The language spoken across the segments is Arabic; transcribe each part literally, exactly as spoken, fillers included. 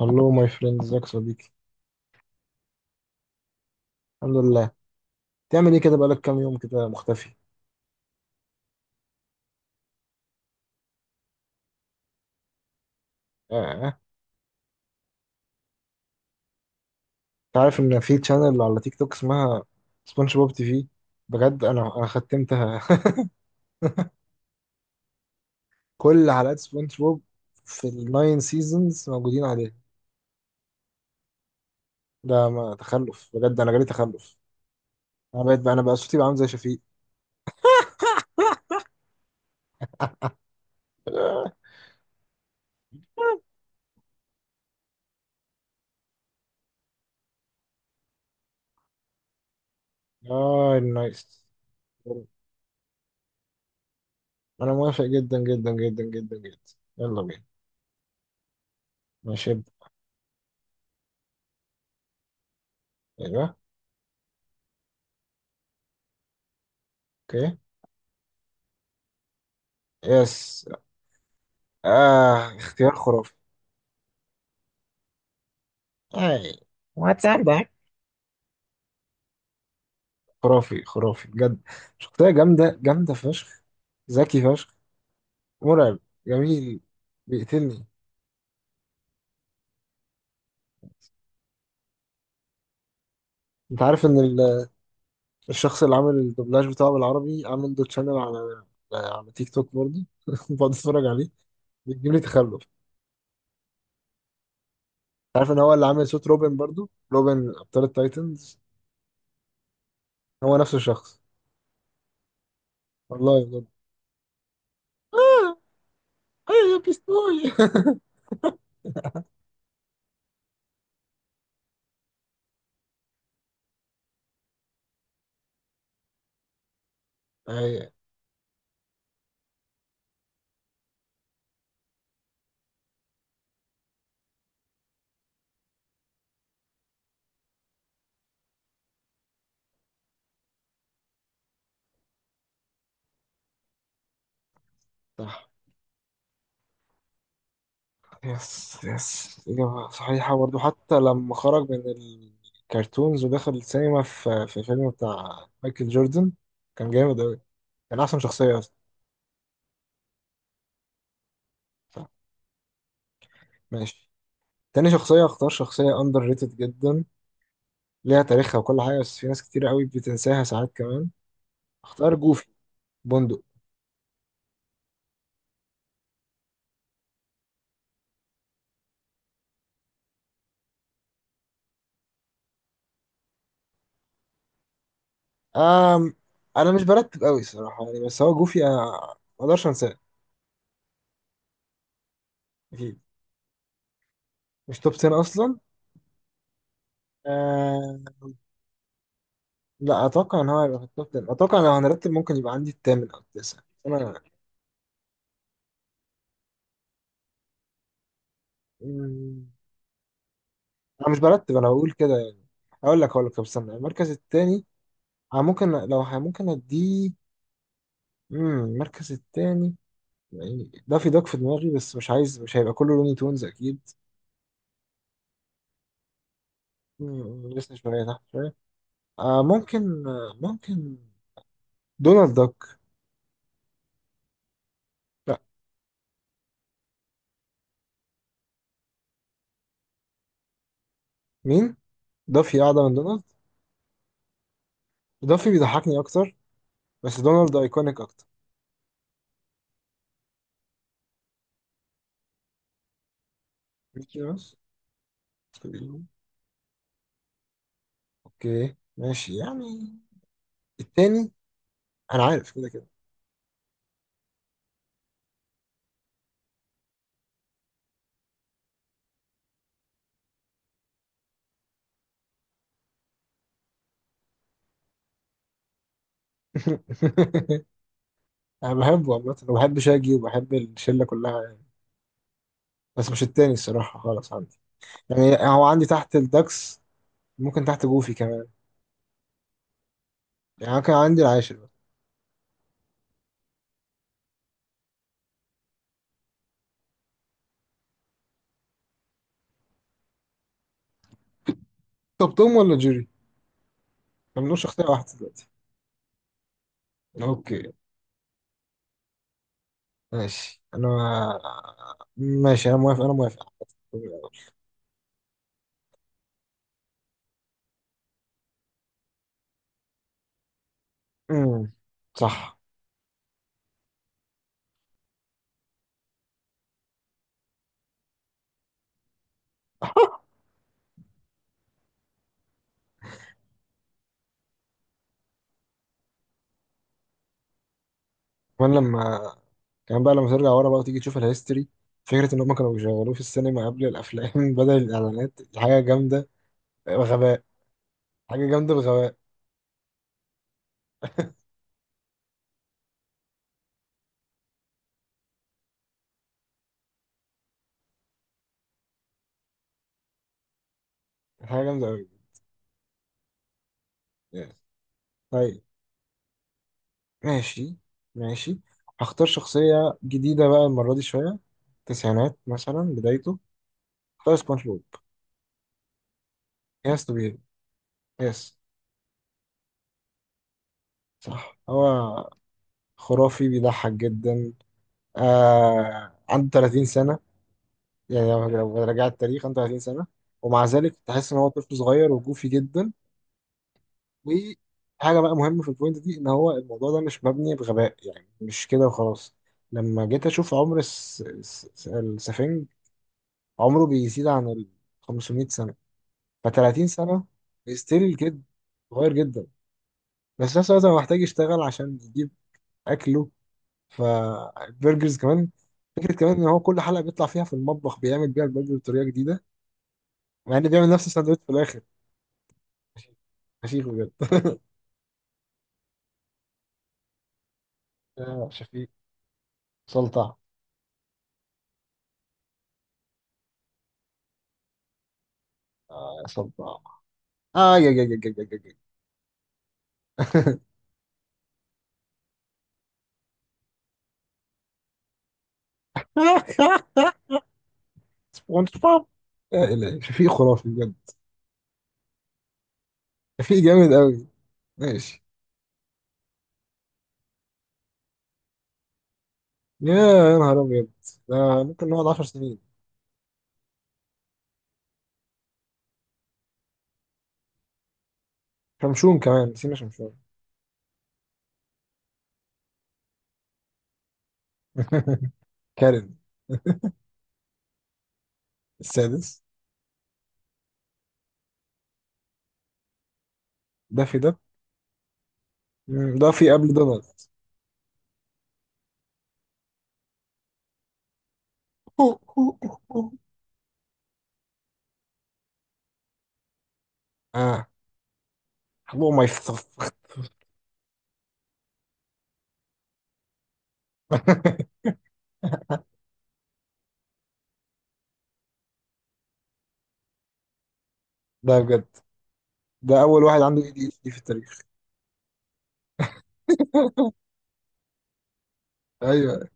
هلو ماي فريند، ازيك يا صديقي؟ الحمد لله. تعمل ايه كده؟ بقالك كام يوم كده مختفي. اه، انت عارف ان في تشانل على تيك توك اسمها سبونج بوب تي في؟ بجد انا انا ختمتها. كل حلقات سبونج بوب في الناين سيزونز موجودين عليها. ده ما تخلف، بجد انا جالي تخلف. انا بقيت بقى، انا بقى صوتي بقى عامل زي شفيق. اه، نايس. انا موافق جدا جدا جدا جدا جدا، يلا بينا. ماشي، ابدأ. ايوه. اوكي. يس. آه، اختيار خرافي. اي، وهتصدق؟ خرافي خرافي بجد، شخصية جامدة جامدة فشخ، ذكي فشخ، مرعب. جميل. بيقتلني. انت عارف ان ال- الشخص اللي عامل الدوبلاج بتاعه بالعربي عامل له تشانل على، على تيك توك برضه؟ بقعد اتفرج عليه، بيجيب لي تخلف. انت عارف ان هو اللي عامل صوت روبن برضه، روبن ابطال التايتنز؟ هو نفس الشخص، والله بجد. آه، آه يا بيستوي. اي، صح. يس يس، إجابة صحيحة. برضه حتى لما خرج من الكرتونز ودخل السينما في في فيلم بتاع مايكل جوردن، كان جامد أوي. كان أحسن شخصية أصلا. ماشي، تاني شخصية اختار شخصية أندر ريتد جدا، ليها تاريخها وكل حاجة، بس في ناس كتير أوي بتنساها ساعات كمان. اختار جوفي بندق. أم، أنا مش برتب أوي صراحة يعني، بس هو جوفي أنا مقدرش أنساه. أكيد مش توب عشرة أصلا. آه، لا، اتوقع ان هو هيبقى في التوب عشرة. اتوقع لو هنرتب ممكن يبقى عندي الثامن او التاسع. انا، مم، انا مش برتب، انا بقول كده يعني. اقول لك اقول لك طب استنى المركز الثاني. انا ممكن، لو ه- ممكن اديه، امم المركز الثاني. يعني ده في دوك في دماغي، بس مش عايز، مش هيبقى كله لوني تونز اكيد. مم، لسه شويه، تحت شويه. آه ممكن، آه، ممكن. دونالد داك، لا. مين؟ دافي اعلى من دونالد. دافي بيضحكني اكتر، بس دونالد ايكونيك اكتر. ميكي ماوس. اوكي ماشي يعني. التاني، انا عارف كده كده. انا بحبه عامة، وبحب شاجي، وبحب الشلة كلها يعني، بس مش التاني الصراحة خالص عندي. يعني هو عندي تحت الدكس، ممكن تحت جوفي كمان. يعني أنا كان عندي العاشر بقى. طب توم ولا جيري؟ ما بنقولش اختيار واحد دلوقتي. اوكي. ماشي انا، ماشي انا موافق، انا موافق. أمم، صح. كمان لما كمان بقى لما ترجع ورا بقى وتيجي تشوف الهيستوري، فكرة إن هما كانوا بيشغلوه في السينما قبل الأفلام بدل الإعلانات، دي حاجة جامدة بغباء. حاجة جامدة بغباء، حاجة جامدة أوي يعني. طيب، ماشي، ماشي، هختار شخصية جديدة بقى المرة دي، شوية تسعينات مثلا بدايته. اختار سبونج بوب. يس تو بي. يس. صح، هو خرافي، بيضحك جدا. آه عنده ثلاثين سنة يعني، لو لو رجعت التاريخ خمسة وثلاثين سنة، ومع ذلك تحس إن هو طفل صغير وجوفي جدا. وحاجة بقى مهمة في البوينت دي، إن هو الموضوع ده مش مبني بغباء يعني، مش كده وخلاص. لما جيت أشوف عمر الس... الس... السفنج، عمره بيزيد عن ال خمسمية سنة. ف ثلاثين سنة ستيل كده صغير جدا، بس في نفس الوقت هو محتاج يشتغل عشان يجيب أكله فالبرجرز كمان. فكرة كمان إن هو كل حلقة بيطلع فيها في المطبخ بيعمل بيها البرجر بطريقة جديدة، مع إنه بيعمل نفس الساندوتش في الآخر. شفيق بجد. آه شفيق. سلطع. سلطع. آه، يا يا يا يا يا يا يا. سبونج بوب، يا إلهي، شفيق خرافي بجد. شفيق جامد قوي. ماشي. يا، يا نهار أبيض، ده ممكن نقعد عشر سنين. شمشون كمان، نسينا شمشون. كارين. السادس، دافي ده. مم، دافي قبل دونالد. اه، حبوب ما يفخ. ده بجد، ده أول واحد عنده اي دي اتش دي في التاريخ. أيوه.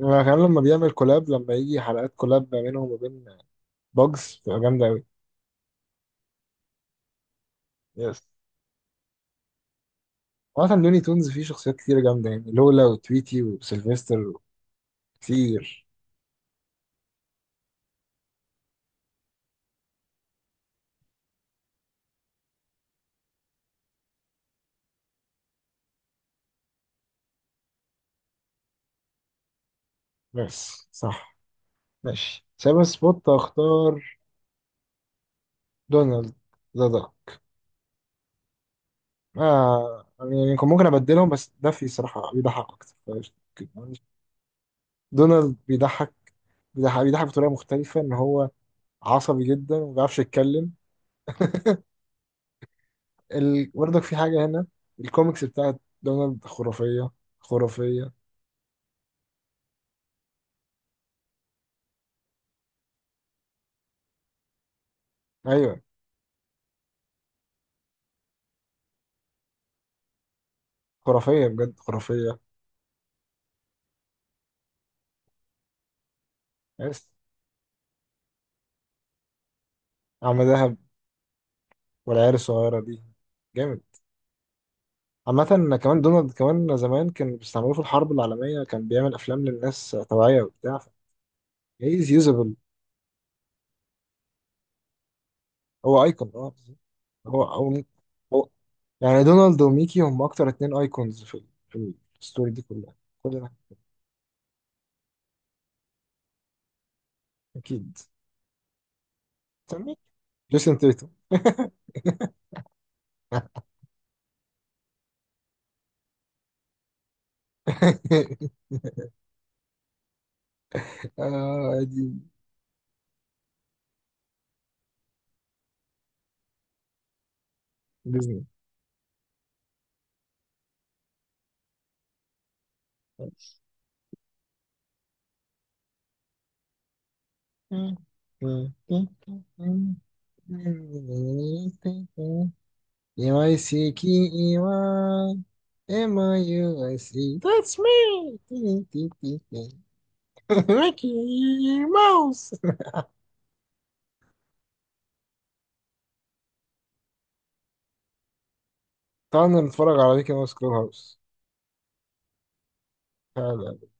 أنا كمان لما بيعمل كولاب، لما يجي حلقات كولاب ما بينهم وبين باجز، بتبقى جامدة أوي. يس. عامة لوني تونز فيه شخصيات كتير جامدة يعني، لولا، وتويتي، وسيلفستر، كتير. بس صح. ماشي، سايبر سبوت أختار دونالد. ده ده، آه يعني، يعني كان ممكن أبدلهم، بس ده في صراحة بيضحك أكتر فقشطة. دونالد بيضحك، بيضحك بيضحك بطريقة مختلفة، إن هو عصبي جدا وما بيعرفش يتكلم. ال... برضك في حاجة هنا، الكوميكس بتاعت دونالد خرافية، خرافية. أيوة، خرافية بجد، خرافية. عرس، عم دهب، والعيال الصغيرة دي، جامد. عامة كمان، دونالد كمان زمان كان بيستعملوه في الحرب العالمية، كان بيعمل أفلام للناس توعية وبتاع. هيز يوزابل. هو أيكون، اه. هو هو هو يعني، دونالد وميكي هم أكتر اتنين أيكونز في ال- في الستوري دي كلها. كلنا أكيد. سميك، جيسون تيتو. آه دي ديزني. ام اي سي كي اي واي، ام اي يو اي سي، ذاتس مي. ميكي ماوس. تعال نتفرج على ميكي ماوس كلوب هاوس، تعال.